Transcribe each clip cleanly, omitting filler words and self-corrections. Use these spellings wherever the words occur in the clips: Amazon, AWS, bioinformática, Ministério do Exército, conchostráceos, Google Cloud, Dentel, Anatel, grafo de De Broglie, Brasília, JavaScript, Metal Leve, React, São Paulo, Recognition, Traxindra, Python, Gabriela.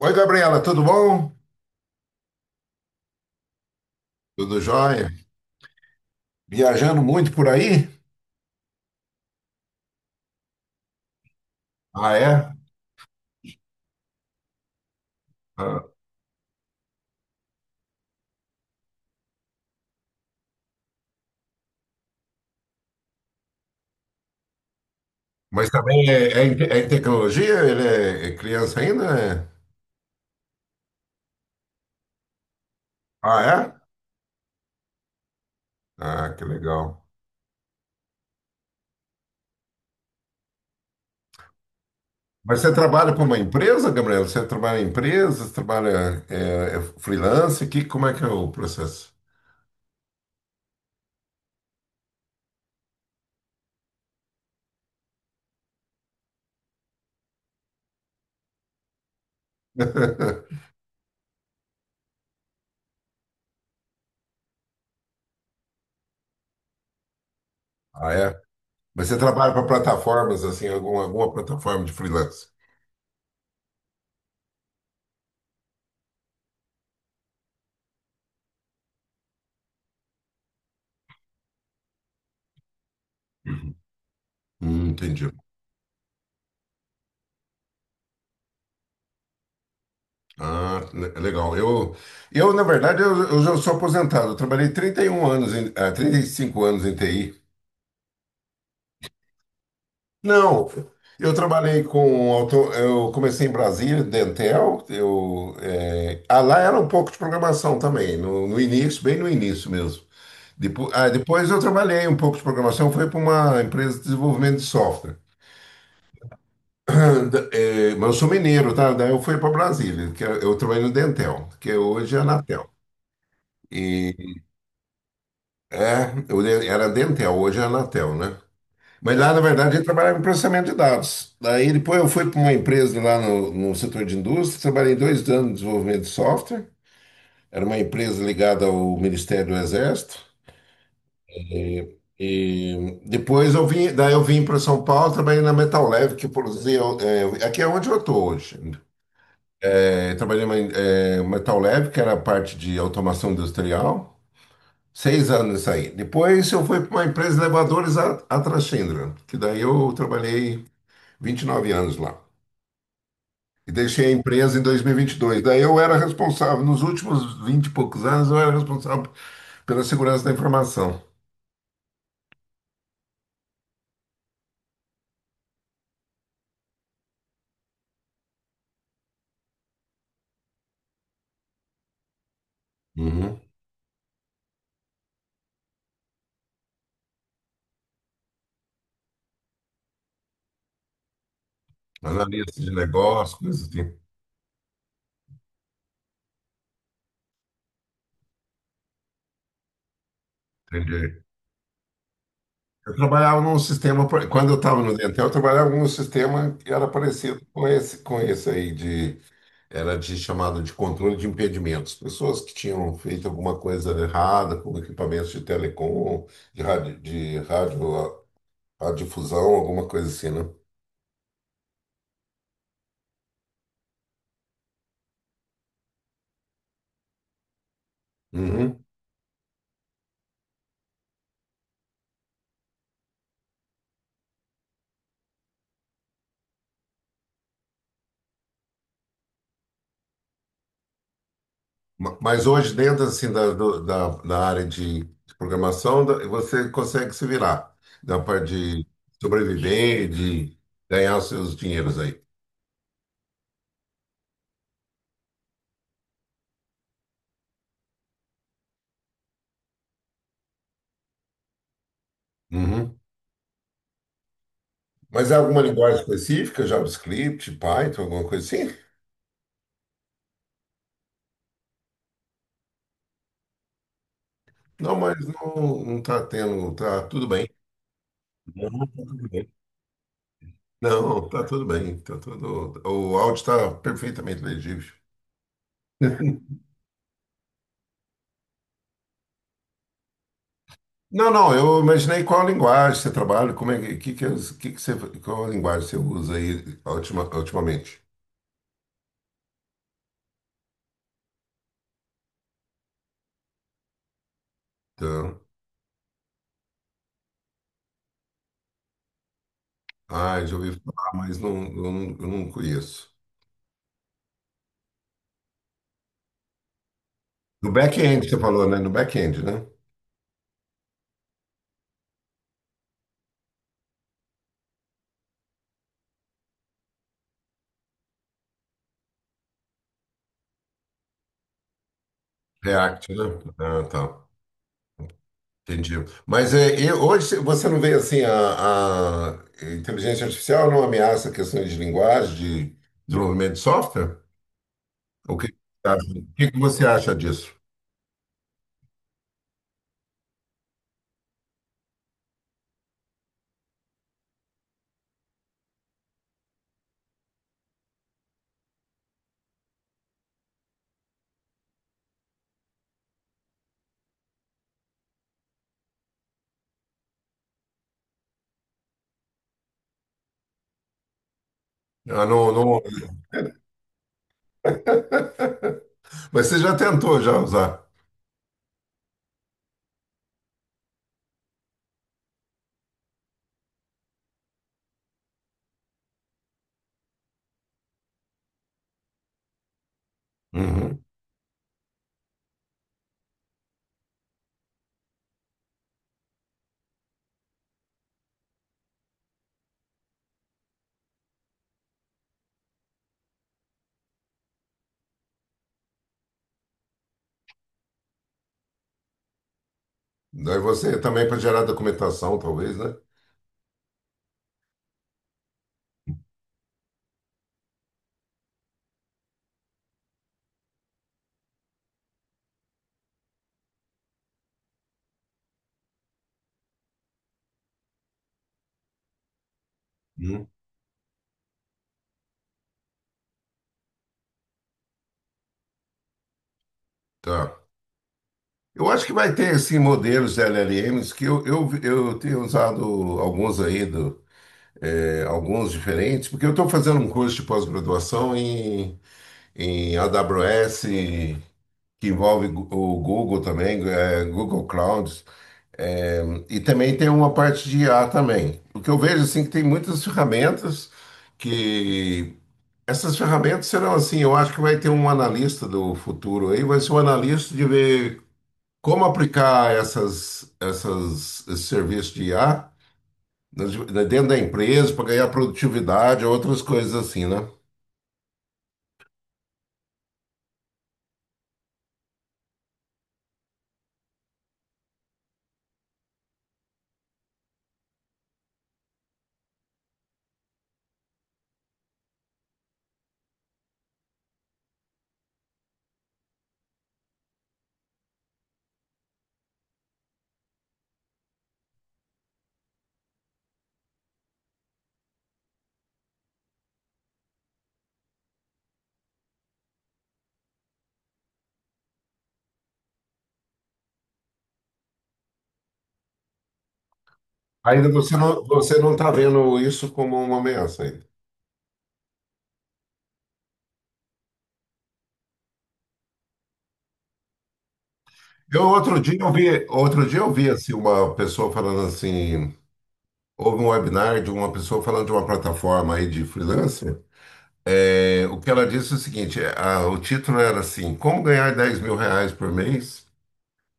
Oi, Gabriela, tudo bom? Tudo jóia? Viajando muito por aí? Ah, é? Ah, mas também é em tecnologia? Ele é criança ainda? É? Ah, é? Ah, que legal. Mas você trabalha para uma empresa, Gabriela? Você trabalha em empresa? Você trabalha é freelance? Que, como é que é o processo? Ah, é? Mas você trabalha para plataformas, assim, alguma plataforma de freelance? Entendi. Ah, legal. Eu na verdade, eu já sou aposentado. Eu trabalhei 31 anos, em, 35 anos em TI. Não, eu trabalhei com auto, eu comecei em Brasília, Dentel. Eu, lá era um pouco de programação também, no início, bem no início mesmo. Depois, depois eu trabalhei um pouco de programação, foi para uma empresa de desenvolvimento de software. Mas eu sou mineiro, tá? Daí eu fui para Brasília, que eu trabalhei no Dentel, que hoje é a Anatel. É, era Dentel, hoje é Anatel, né? Mas lá, na verdade, ele trabalhava em processamento de dados. Daí depois eu fui para uma empresa lá no setor de indústria, trabalhei 2 anos de desenvolvimento de software. Era uma empresa ligada ao Ministério do Exército. E depois eu vim, daí eu vim para São Paulo, trabalhei na Metal Leve, que produzia, é, aqui é onde eu estou hoje. É, trabalhei na Metal Leve, que era a parte de automação industrial. Seis anos isso aí. Depois eu fui para uma empresa de elevadores, a Traxindra, que daí eu trabalhei 29 anos lá. E deixei a empresa em dois mil e vinte e dois. Daí eu era responsável, nos últimos 20 e poucos anos, eu era responsável pela segurança da informação. Uhum. Analista de negócios, coisas assim. Entendi. Eu trabalhava num sistema, quando eu estava no Dentel, eu trabalhava num sistema que era parecido com esse aí, de... Era de, chamado de controle de impedimentos. Pessoas que tinham feito alguma coisa errada com equipamentos de telecom, de rádio, radiodifusão, alguma coisa assim, né? Uhum. Mas hoje, dentro assim, da área de programação, você consegue se virar. Da parte de sobreviver, e de ganhar os seus dinheiros aí. Uhum. Mas é alguma linguagem específica, JavaScript, Python, alguma coisa assim? Não, mas não, não tá tendo, tá tudo bem. Não, tá tudo bem. Não, tá tudo bem. Tá tudo... O áudio está perfeitamente legível. Não, não, eu imaginei qual linguagem você trabalha, como é que, as- que você, qual linguagem você usa aí ultimamente. Então, ah, já ouvi falar, mas não, eu não conheço. No back-end você falou, né? No back-end, né? React, né? Ah, tá. Entendi. Mas é, e hoje você não vê assim a inteligência artificial não ameaça questões de linguagem, de desenvolvimento de software? O que que você acha, o que que você acha disso? Ah, não, não... Mas você já tentou já usar. Uhum. Daí você também para gerar documentação, talvez, né? Uhum. Tá. Eu acho que vai ter, assim, modelos de LLMs que eu tenho usado alguns aí, do, é, alguns diferentes, porque eu estou fazendo um curso de pós-graduação em, em AWS, que envolve o Google também, é, Google Cloud. É, e também tem uma parte de IA também. O que eu vejo assim é que tem muitas ferramentas que essas ferramentas serão assim, eu acho que vai ter um analista do futuro aí, vai ser um analista de ver como aplicar essas esse serviço de IA né, dentro da empresa para ganhar produtividade, outras coisas assim, né? Ainda você não, você não está vendo isso como uma ameaça ainda. Eu outro dia eu vi, outro dia eu vi assim uma pessoa falando assim... Houve um webinar de uma pessoa falando de uma plataforma aí de freelancer. É, o que ela disse é o seguinte: é, o título era assim, como ganhar R$ 10.000 por mês,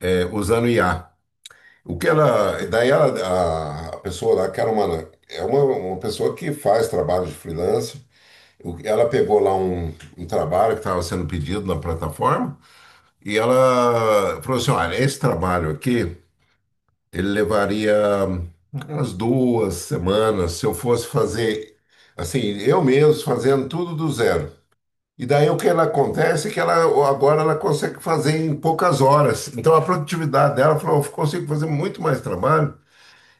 é, usando IA. O que ela, daí ela, a pessoa lá, que era uma pessoa que faz trabalho de freelancer, ela pegou lá um trabalho que estava sendo pedido na plataforma, e ela falou assim: olha, esse trabalho aqui ele levaria umas 2 semanas se eu fosse fazer assim, eu mesmo fazendo tudo do zero. E daí o que ela acontece é que ela agora ela consegue fazer em poucas horas. Então a produtividade dela, falou, eu consigo fazer muito mais trabalho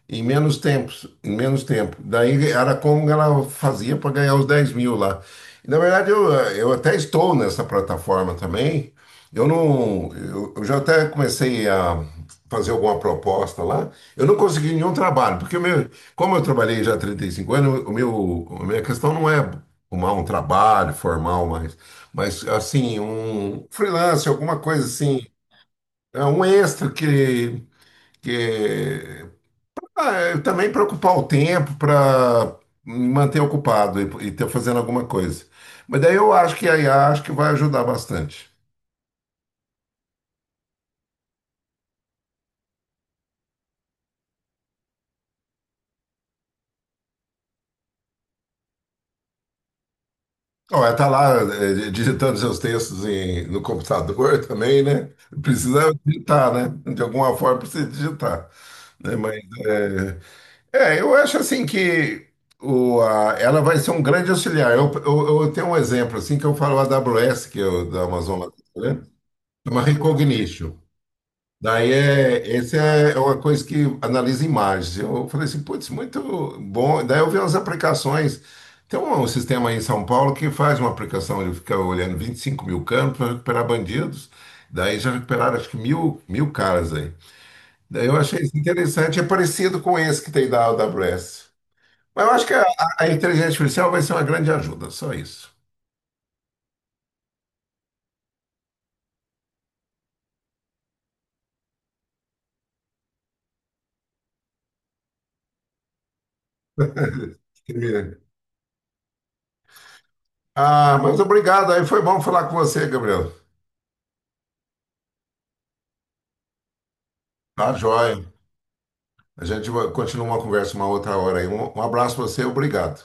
em menos tempo, em menos tempo. Daí era como ela fazia para ganhar os 10 mil lá. E, na verdade, eu até estou nessa plataforma também. Eu não. Eu já até comecei a fazer alguma proposta lá. Eu não consegui nenhum trabalho, porque o meu, como eu trabalhei já há 35 anos, o meu, a minha questão não é arrumar um trabalho formal, mas assim, um freelance, alguma coisa assim, é um extra que ah, eu também para ocupar o tempo, para me manter ocupado e ter fazendo alguma coisa. Mas daí eu acho que a IA acho que vai ajudar bastante. Ó, ela tá lá digitando seus textos no computador também, né? Precisa digitar, né? De alguma forma precisa digitar. Né? Mas é, é, eu acho assim que ela vai ser um grande auxiliar. Eu tenho um exemplo assim que eu falo a AWS, que é o da Amazon lá, né? Chama Recognition. Daí é, essa é é uma coisa que analisa imagens. Eu falei assim, putz, muito bom. Daí eu vi umas aplicações. Tem um sistema aí em São Paulo que faz uma aplicação, ele fica olhando 25 mil campos para recuperar bandidos. Daí já recuperaram acho que mil, mil caras aí. Daí eu achei isso interessante, é parecido com esse que tem da AWS. Mas eu acho que a inteligência artificial vai ser uma grande ajuda, só isso. Ah, mas obrigado, aí foi bom falar com você, Gabriel. Tá joia. A gente vai continuar uma conversa uma outra hora aí. Um abraço para você, obrigado.